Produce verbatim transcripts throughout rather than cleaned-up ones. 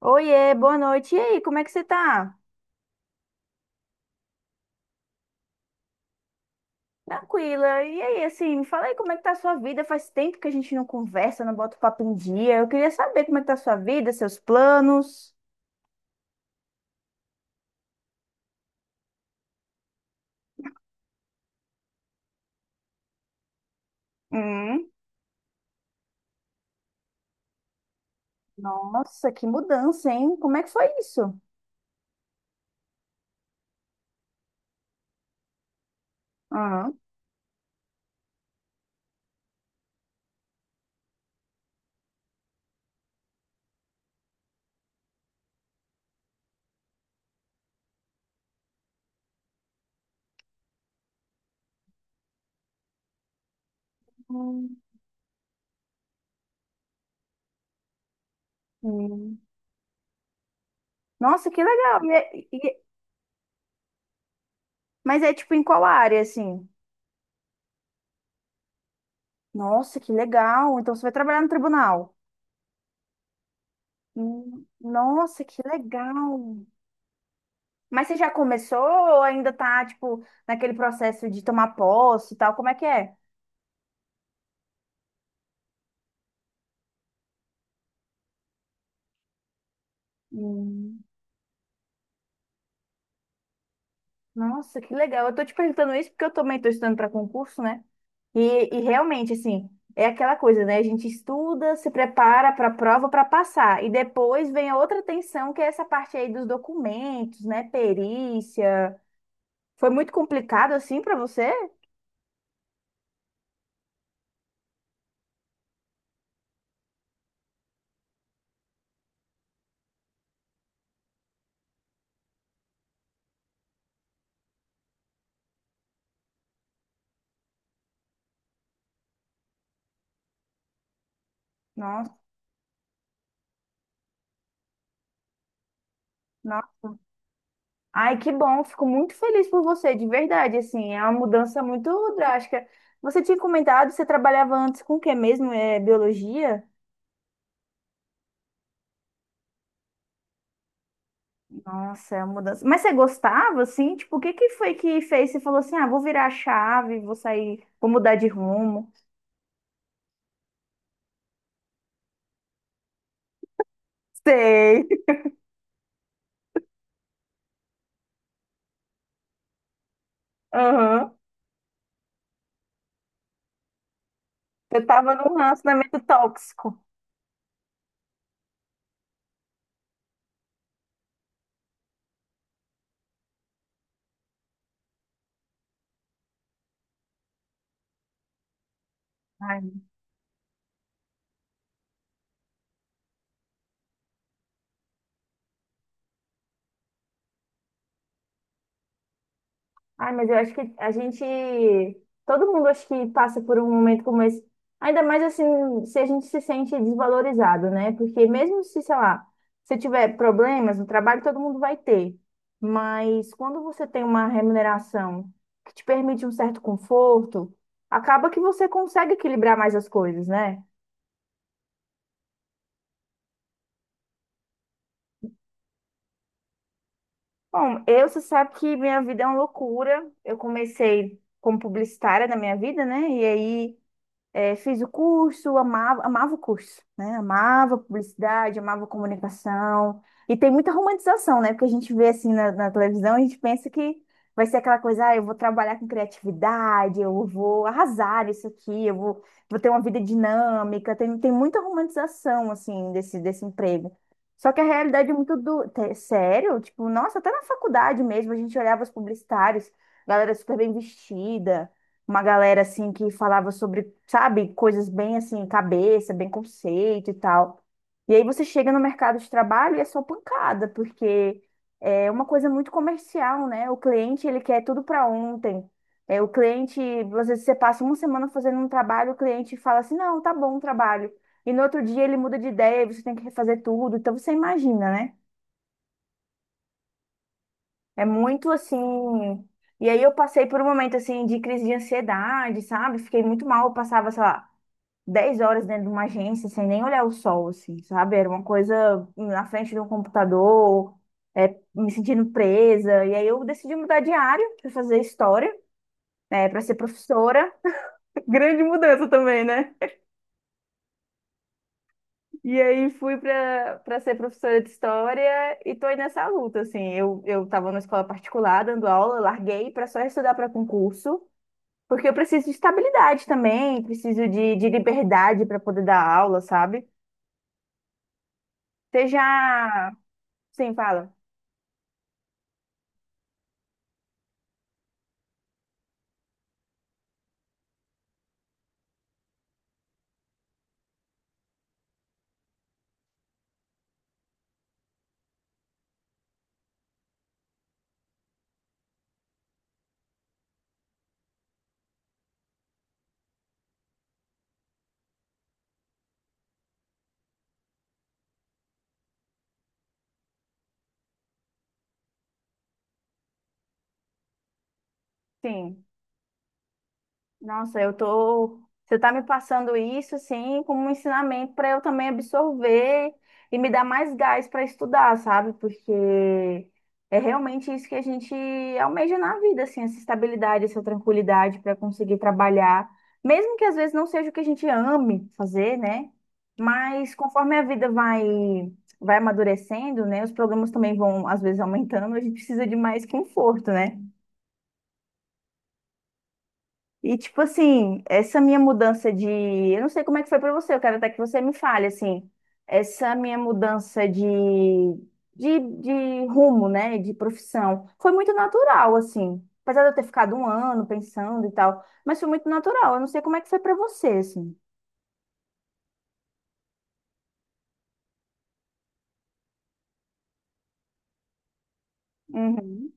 Oiê, boa noite. E aí, como é que você tá? Tranquila. E aí, assim, me fala aí como é que tá a sua vida. Faz tempo que a gente não conversa, não bota o papo em dia. Eu queria saber como é que tá a sua vida, seus planos. Hum. Nossa, que mudança, hein? Como é que foi isso? Aham. Hum, hum. Nossa, que legal. E é- e- e- mas é tipo em qual área, assim? Nossa, que legal. Então você vai trabalhar no tribunal. Hum. Nossa, que legal. Mas você já começou ou ainda tá, tipo, naquele processo de tomar posse e tal? Como é que é? Hum. Nossa, que legal. Eu tô te perguntando isso porque eu também tô estudando para concurso, né? E, e realmente, assim, é aquela coisa, né? A gente estuda, se prepara para a prova para passar. E depois vem a outra tensão, que é essa parte aí dos documentos, né? Perícia. Foi muito complicado assim para você? Nossa. Ai, que bom, fico muito feliz por você, de verdade, assim, é uma mudança muito drástica. Você tinha comentado, você trabalhava antes com o que mesmo? É biologia? Nossa, é uma mudança. Mas você gostava, assim? Tipo, o que que foi que fez? Você falou assim, ah, vou virar a chave, vou sair, vou mudar de rumo. Sei. Aham. Eu tava num relacionamento tóxico. Ai, ai, mas eu acho que a gente, todo mundo acho que passa por um momento como esse, ainda mais assim, se a gente se sente desvalorizado, né? Porque mesmo se, sei lá, você tiver problemas no trabalho, todo mundo vai ter. Mas quando você tem uma remuneração que te permite um certo conforto, acaba que você consegue equilibrar mais as coisas, né? Bom, eu, você sabe que minha vida é uma loucura. Eu comecei como publicitária na minha vida, né? E aí é, fiz o curso, amava, amava o curso, né? Amava publicidade, amava comunicação. E tem muita romantização, né? Porque a gente vê assim na, na televisão, a gente pensa que vai ser aquela coisa, ah, eu vou trabalhar com criatividade, eu vou arrasar isso aqui, eu vou, vou, ter uma vida dinâmica. Tem, tem muita romantização, assim, desse, desse emprego. Só que a realidade é muito do... te- sério, tipo, nossa, até na faculdade mesmo, a gente olhava os publicitários, galera super bem vestida, uma galera assim que falava sobre, sabe, coisas bem assim, cabeça, bem conceito e tal. E aí você chega no mercado de trabalho e é só pancada, porque é uma coisa muito comercial, né? O cliente, ele quer tudo para ontem. É, o cliente, às vezes você passa uma semana fazendo um trabalho, o cliente fala assim: "Não, tá bom o trabalho". E no outro dia ele muda de ideia, e você tem que refazer tudo. Então você imagina, né? É muito assim, e aí eu passei por um momento assim de crise de ansiedade, sabe? Fiquei muito mal, eu passava, sei lá, dez horas dentro de uma agência sem nem olhar o sol, assim, sabe? Era uma coisa na frente de um computador, é, me sentindo presa. E aí eu decidi mudar de área para fazer história, né, para ser professora. Grande mudança também, né? E aí fui para para ser professora de história e tô aí nessa luta, assim. Eu eu estava na escola particular dando aula, larguei para só estudar para concurso. Porque eu preciso de estabilidade também, preciso de, de liberdade para poder dar aula, sabe? Você já sim, fala. Sim. Nossa, eu tô. Você tá me passando isso, assim, como um ensinamento para eu também absorver e me dar mais gás para estudar, sabe? Porque é realmente isso que a gente almeja na vida, assim, essa estabilidade, essa tranquilidade para conseguir trabalhar, mesmo que às vezes não seja o que a gente ame fazer, né? Mas conforme a vida vai vai amadurecendo, né? Os problemas também vão às vezes aumentando, a gente precisa de mais conforto, né? E, tipo assim, essa minha mudança de. Eu não sei como é que foi pra você, eu quero até que você me fale, assim. Essa minha mudança de, de, de rumo, né? De profissão. Foi muito natural, assim. Apesar de eu ter ficado um ano pensando e tal. Mas foi muito natural. Eu não sei como é que foi pra você, assim. Uhum.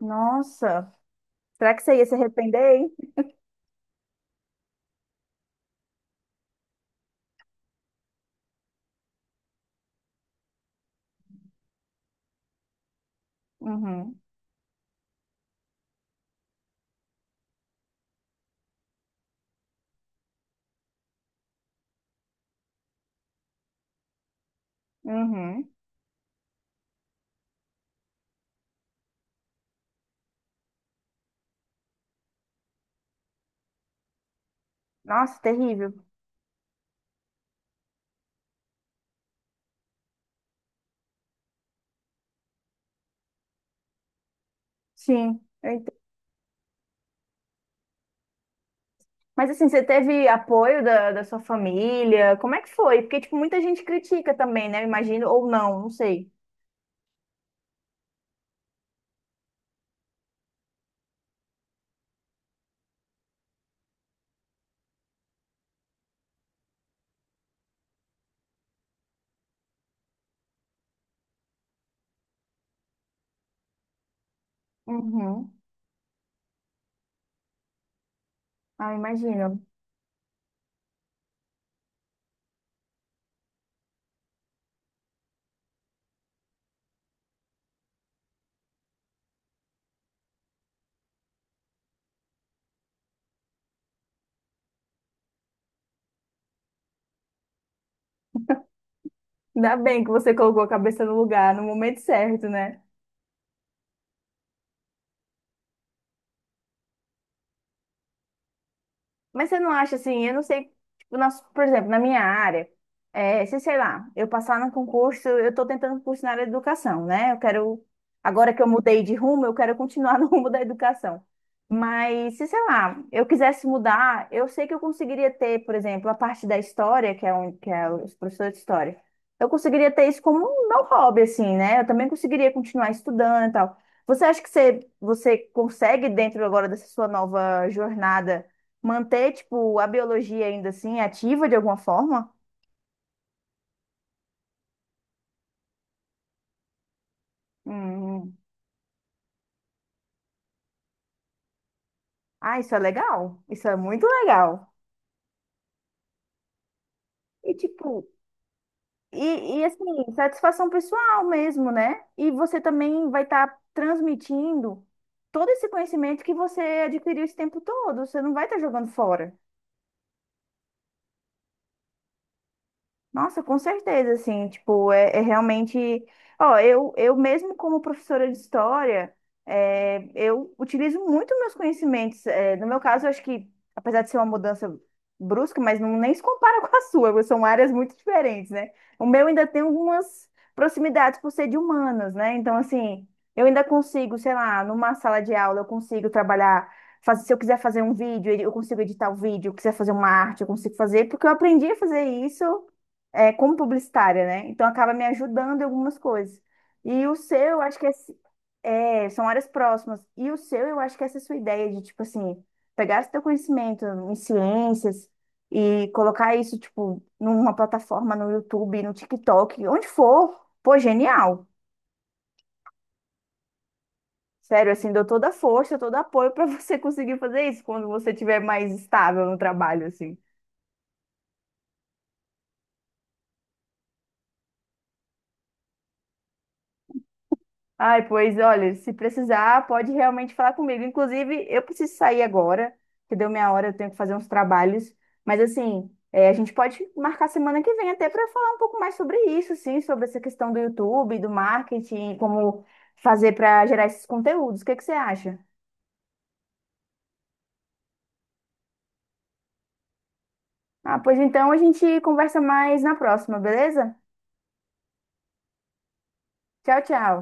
Nossa. Será que você ia se arrepender, hein? Uhum. Uhum. Nossa, terrível. Sim. eu Mas assim, você teve apoio da, da sua família? Como é que foi? Porque, tipo, muita gente critica também, né? Eu imagino, ou não, não sei. Uhum. Ah, imagino. Ainda bem que você colocou a cabeça no lugar, no momento certo, né? Mas você não acha assim, eu não sei, tipo, nas- por exemplo, na minha área, é, se sei lá, eu passar no concurso, eu estou tentando curso na área de educação, né? Eu quero, agora que eu mudei de rumo, eu quero continuar no rumo da educação. Mas se sei lá, eu quisesse mudar, eu sei que eu conseguiria ter, por exemplo, a parte da história, que é, um, que é os professores de história. Eu conseguiria ter isso como um não hobby, assim, né? Eu também conseguiria continuar estudando e tal. Você acha que você, você consegue, dentro agora dessa sua nova jornada, manter, tipo, a biologia ainda assim ativa de alguma forma? Hum. Ah, isso é legal. Isso é muito legal. E, tipo, e, e assim, satisfação pessoal mesmo, né? E você também vai estar transmitindo todo esse conhecimento que você adquiriu esse tempo todo. Você não vai estar jogando fora. Nossa, com certeza, assim, tipo, é, é realmente. Ó, eu, eu mesmo como professora de história, é, eu utilizo muito meus conhecimentos. É, no meu caso, eu acho que, apesar de ser uma mudança brusca, mas não nem se compara com a sua, porque são áreas muito diferentes, né? O meu ainda tem algumas proximidades por ser de humanas, né? Então, assim, eu ainda consigo, sei lá, numa sala de aula, eu consigo trabalhar. Fazer, se eu quiser fazer um vídeo, eu consigo editar o vídeo. Se eu quiser fazer uma arte, eu consigo fazer, porque eu aprendi a fazer isso é, como publicitária, né? Então acaba me ajudando em algumas coisas. E o seu, eu acho que é, se- é, são áreas próximas. E o seu, eu acho que essa é a sua ideia de, tipo assim, pegar esse teu conhecimento em ciências e colocar isso, tipo, numa plataforma no YouTube, no TikTok, onde for. Pô, genial. Sério, assim, dou toda a força, todo apoio para você conseguir fazer isso quando você estiver mais estável no trabalho, assim. Ai, pois olha, se precisar, pode realmente falar comigo. Inclusive, eu preciso sair agora, que deu minha hora, eu tenho que fazer uns trabalhos. Mas assim, é, a gente pode marcar semana que vem até para falar um pouco mais sobre isso, sim, sobre essa questão do YouTube, do marketing, como fazer para gerar esses conteúdos. O que que você acha? Ah, pois então a gente conversa mais na próxima, beleza? Tchau, tchau.